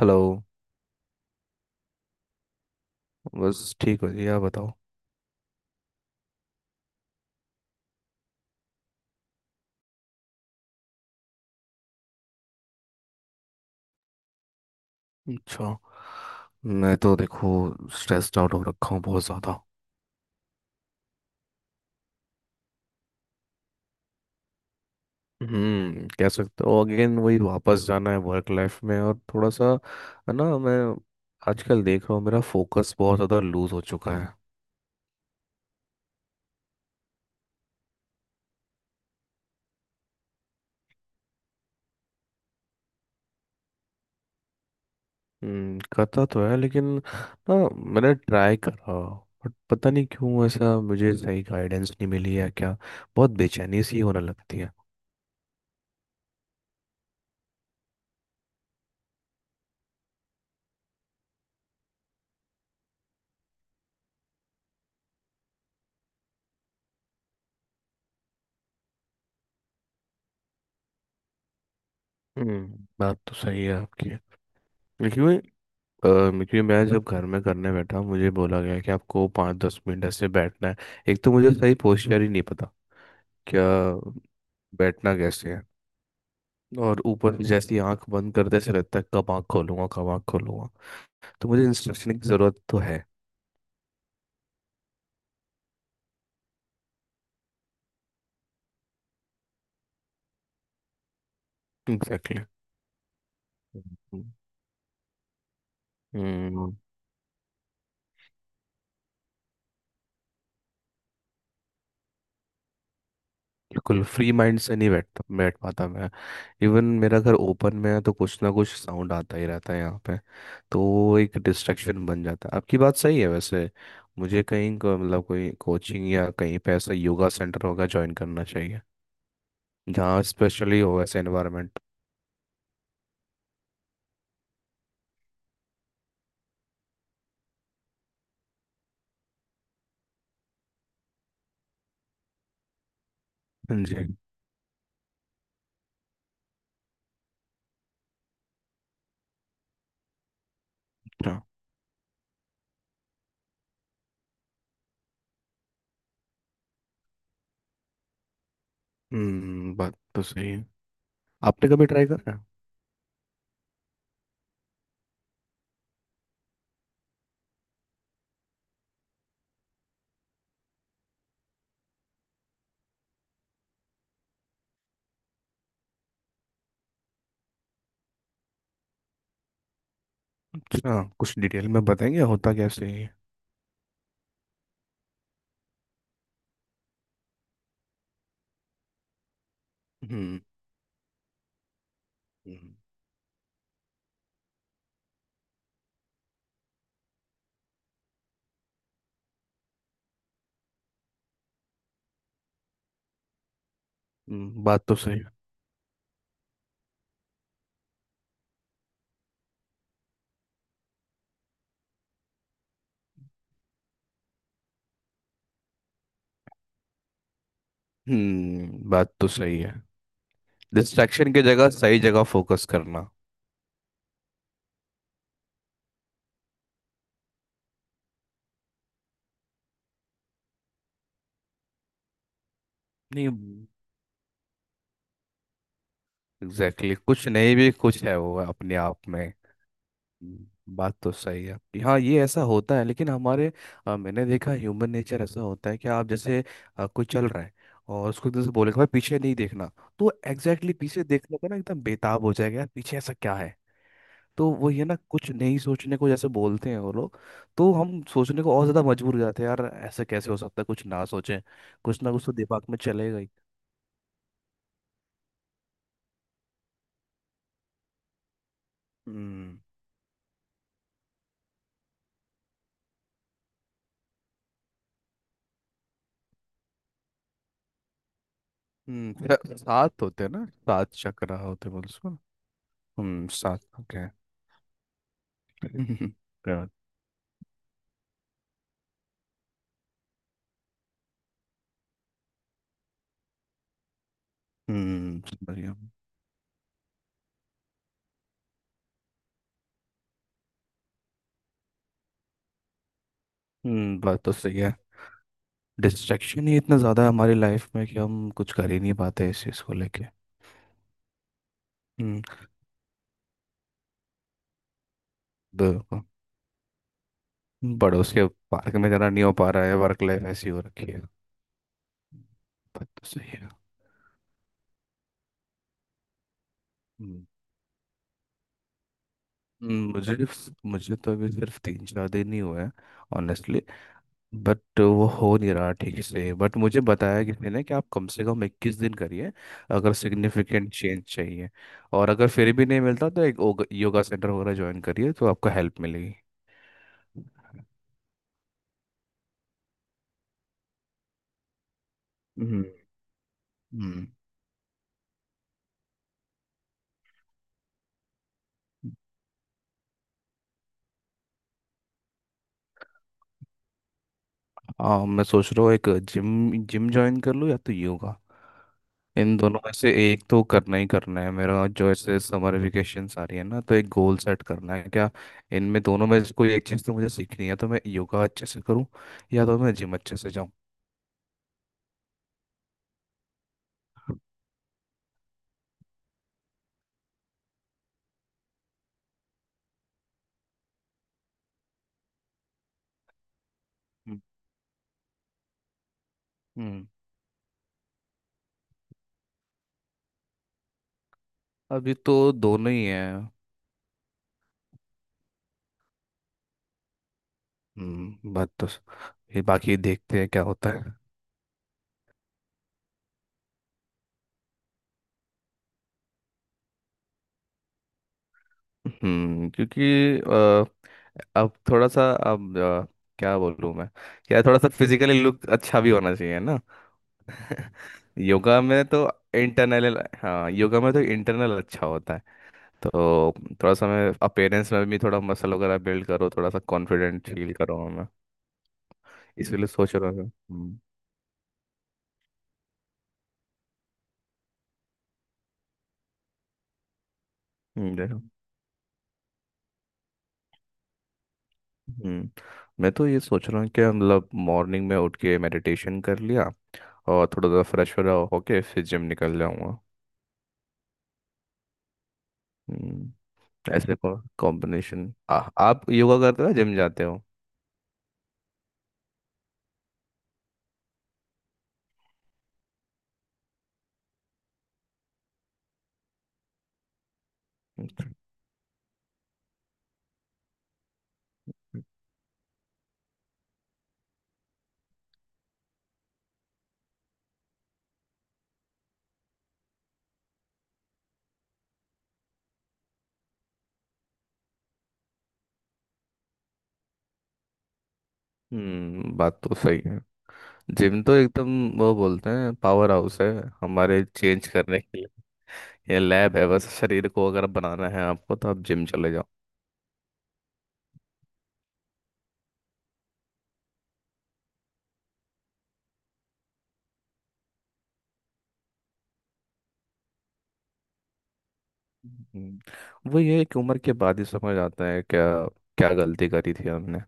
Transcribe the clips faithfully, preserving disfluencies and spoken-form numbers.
Hello. बस ठीक हो जी, आप बताओ। अच्छा। मैं तो देखो स्ट्रेस्ड आउट हो रखा हूँ बहुत ज़्यादा। हम्म, कह सकते हो अगेन वही वापस जाना है वर्क लाइफ में, और थोड़ा सा है ना। मैं आजकल देख रहा हूँ मेरा फोकस बहुत ज़्यादा लूज हो चुका है। हम्म, करता तो है लेकिन ना। मैंने ट्राई करा बट पता नहीं क्यों ऐसा, मुझे सही गाइडेंस नहीं मिली है क्या। बहुत बेचैनी सी होने लगती है। हम्म, बात तो सही है आपकी। अ, क्योंकि मैं जब घर में करने बैठा मुझे बोला गया कि आपको पाँच दस मिनट ऐसे बैठना है। एक तो मुझे सही पोस्चर ही नहीं पता क्या, बैठना कैसे है। और ऊपर से जैसी आंख बंद करते से रहता है, कब आंख खोलूंगा कब आंख खोलूंगा। तो मुझे इंस्ट्रक्शन की ज़रूरत तो है। एग्जैक्टली। हम्म। बिल्कुल फ्री माइंड से नहीं बैठ बैठ पाता मैं। इवन मेरा घर ओपन में है तो कुछ ना कुछ साउंड आता ही रहता है यहाँ पे। तो वो एक डिस्ट्रैक्शन बन जाता है। आपकी बात सही है वैसे। मुझे कहीं को- मतलब कोई कोचिंग या कहीं पे ऐसा योगा सेंटर होगा ज्वाइन करना चाहिए, जहाँ स्पेशली हो ऐसा एनवायरनमेंट। जी। अच्छा। हम्म, बात तो सही है। आपने कभी ट्राई करा है? अच्छा, कुछ डिटेल में बताएंगे होता कैसे है। हम्म। हम्म, हम्म, बात तो सही है। हम्म, बात तो सही है। डिस्ट्रैक्शन की जगह सही जगह फोकस करना। नहीं। हम्म, एग्जैक्टली exactly। कुछ नहीं भी कुछ है वो अपने आप में। हम्म, बात तो सही है आपकी। हाँ ये ऐसा होता है लेकिन हमारे अ, मैंने देखा ह्यूमन नेचर ऐसा होता है कि आप जैसे अ, कोई चल रहा है और उसको एकदम से बोलेगा भाई पीछे नहीं देखना। तो एग्जैक्टली exactly पीछे देखने पर ना एकदम बेताब हो जाएगा यार, पीछे ऐसा क्या है। तो वो ये ना कुछ नहीं सोचने को जैसे बोलते हैं वो लोग, तो हम सोचने को और ज्यादा मजबूर हो जाते हैं, यार ऐसा कैसे हो सकता है कुछ ना सोचें। कुछ ना कुछ तो दिमाग में चलेगा। हम्म। हम्म, फिर सात होते हैं ना, सात चक्र होते बोल उसको। हम्म, सात। ओके। हम्म। क्या- हम्म, समझ गया। हम्म, बात तो सही है। डिस्ट्रैक्शन ही इतना ज़्यादा है हमारी लाइफ में कि हम कुछ कर ही नहीं पाते इस चीज़ को लेके। हम्म। देखो, पड़ोस के पार्क में जाना नहीं हो पा रहा है, वर्क लाइफ ऐसी हो रखी है। बात तो सही है। हम्म, हम्म, मुझे मुझे तो अभी सिर्फ तीन चार दिन ही हुए हैं। ऑनेस्टली। बट वो हो नहीं रहा ठीक से, बट मुझे बताया किसी ने कि आप कम से कम इक्कीस दिन करिए अगर सिग्निफिकेंट चेंज चाहिए। और अगर फिर भी नहीं मिलता तो एक ओग- योगा सेंटर वगैरह ज्वाइन करिए तो आपको हेल्प मिलेगी। हम्म। हम्म। हाँ मैं सोच रहा हूँ एक जिम जिम ज्वाइन कर लूँ या तो योगा। इन दोनों में से एक तो करना ही करना है मेरा, जो ऐसे समर वेकेशंस आ रही है ना तो एक गोल सेट करना है क्या। इनमें दोनों में से कोई एक चीज़ तो मुझे सीखनी है, तो मैं योगा अच्छे से करूँ या तो मैं जिम अच्छे से। हम्म, हम्म, अभी तो दोनों ही हैं। हम्म, बात तो स- ये बाकी देखते हैं क्या होता है। हम्म क्योंकि अ, अब थोड़ा सा अब अ, क्या बोलूँ मैं, यार थोड़ा सा फिजिकली लुक अच्छा भी होना चाहिए ना। योगा में तो इंटरनल, हाँ योगा में तो इंटरनल अच्छा होता है। तो थोड़ा सा मैं अपेयरेंस में भी थोड़ा मसल वगैरह बिल्ड करो, थोड़ा सा कॉन्फिडेंट फील करो मैं, इसलिए सोच रहा था। हम्म। हम्म, देखो। हम्म। मैं तो ये सोच रहा हूँ कि मतलब मॉर्निंग में उठ के मेडिटेशन कर लिया और थोड़ा सा फ्रेश वगैरह होके फिर जिम निकल जाऊंगा। हम्म। ऐसे को कॉम्बिनेशन, आप योगा करते हो जिम जाते हो। अच्छा। हम्म, बात तो सही है। जिम तो एकदम, वो बोलते हैं पावर हाउस है हमारे चेंज करने के लिए। ये लैब है बस, शरीर को अगर बनाना है आपको तो आप जिम चले जाओ। हम्म, वो ये एक उम्र के बाद ही समझ आता है क्या क्या गलती करी थी हमने।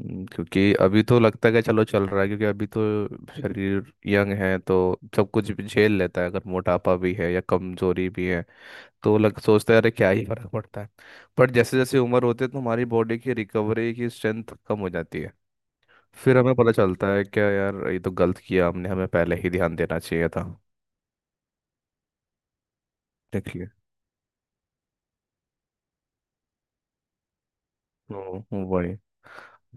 हम्म, क्योंकि अभी तो लगता है कि चलो चल रहा है, क्योंकि अभी तो शरीर यंग है तो सब कुछ भी झेल लेता है, अगर मोटापा भी है या कमजोरी भी है तो लग सोचता है अरे क्या ही फर्क पड़ता है। बट जैसे जैसे उम्र होती है तो हमारी बॉडी की रिकवरी की स्ट्रेंथ कम हो जाती है। फिर हमें पता चलता है क्या यार ये तो गलत किया हमने, हमें पहले ही ध्यान देना चाहिए था। देखिए। हम्म, वही।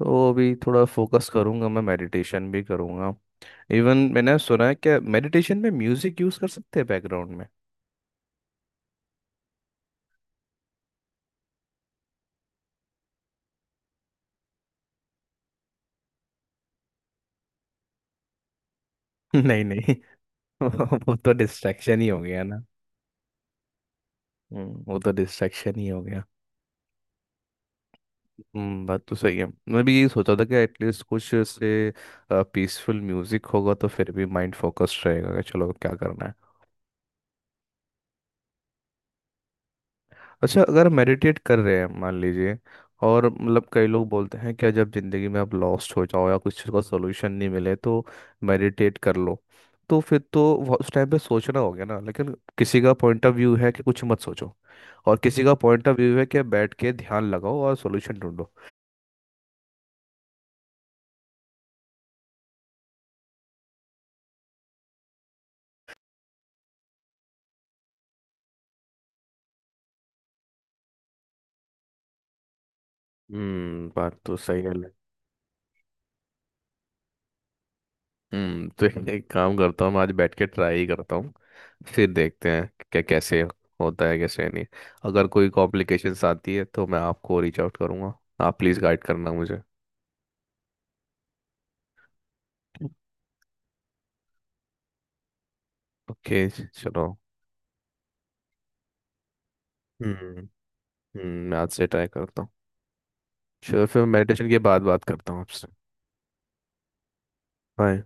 तो अभी थोड़ा फोकस करूंगा मैं, मेडिटेशन भी करूंगा। इवन मैंने सुना है कि मेडिटेशन में म्यूजिक यूज कर सकते हैं बैकग्राउंड। नहीं, नहीं। वो तो डिस्ट्रैक्शन ही हो गया ना। हम्म, वो तो डिस्ट्रैक्शन ही हो गया। हम्म, बात तो सही है। मैं भी यही सोचा था कि एटलीस्ट कुछ से पीसफुल म्यूजिक होगा तो फिर भी माइंड फोकस्ड रहेगा कि चलो क्या करना है। अच्छा अगर मेडिटेट कर रहे हैं मान लीजिए, और मतलब कई लोग बोलते हैं क्या, जब ज़िंदगी में आप लॉस्ट हो जाओ या कुछ चीज़ का सोल्यूशन नहीं मिले तो मेडिटेट कर लो। तो फिर तो वो- उस टाइम पे सोचना हो गया ना, लेकिन किसी का पॉइंट ऑफ व्यू है कि कुछ मत सोचो और किसी का पॉइंट ऑफ व्यू है कि बैठ के ध्यान लगाओ और सोल्यूशन ढूंढो। हम्म, बात तो सही है। हम्म, तो एक काम करता हूँ, मैं आज बैठ के ट्राई करता हूँ, फिर देखते हैं क्या कैसे होता है कैसे नहीं। अगर कोई कॉम्प्लिकेशंस आती है तो मैं आपको रीच आउट करूँगा, आप प्लीज़ गाइड करना मुझे। ओके चलो। हम्म। हम्म, मैं आज से ट्राई करता हूँ। चलो फिर मेडिटेशन के बाद बात करता हूँ आपसे। बाय।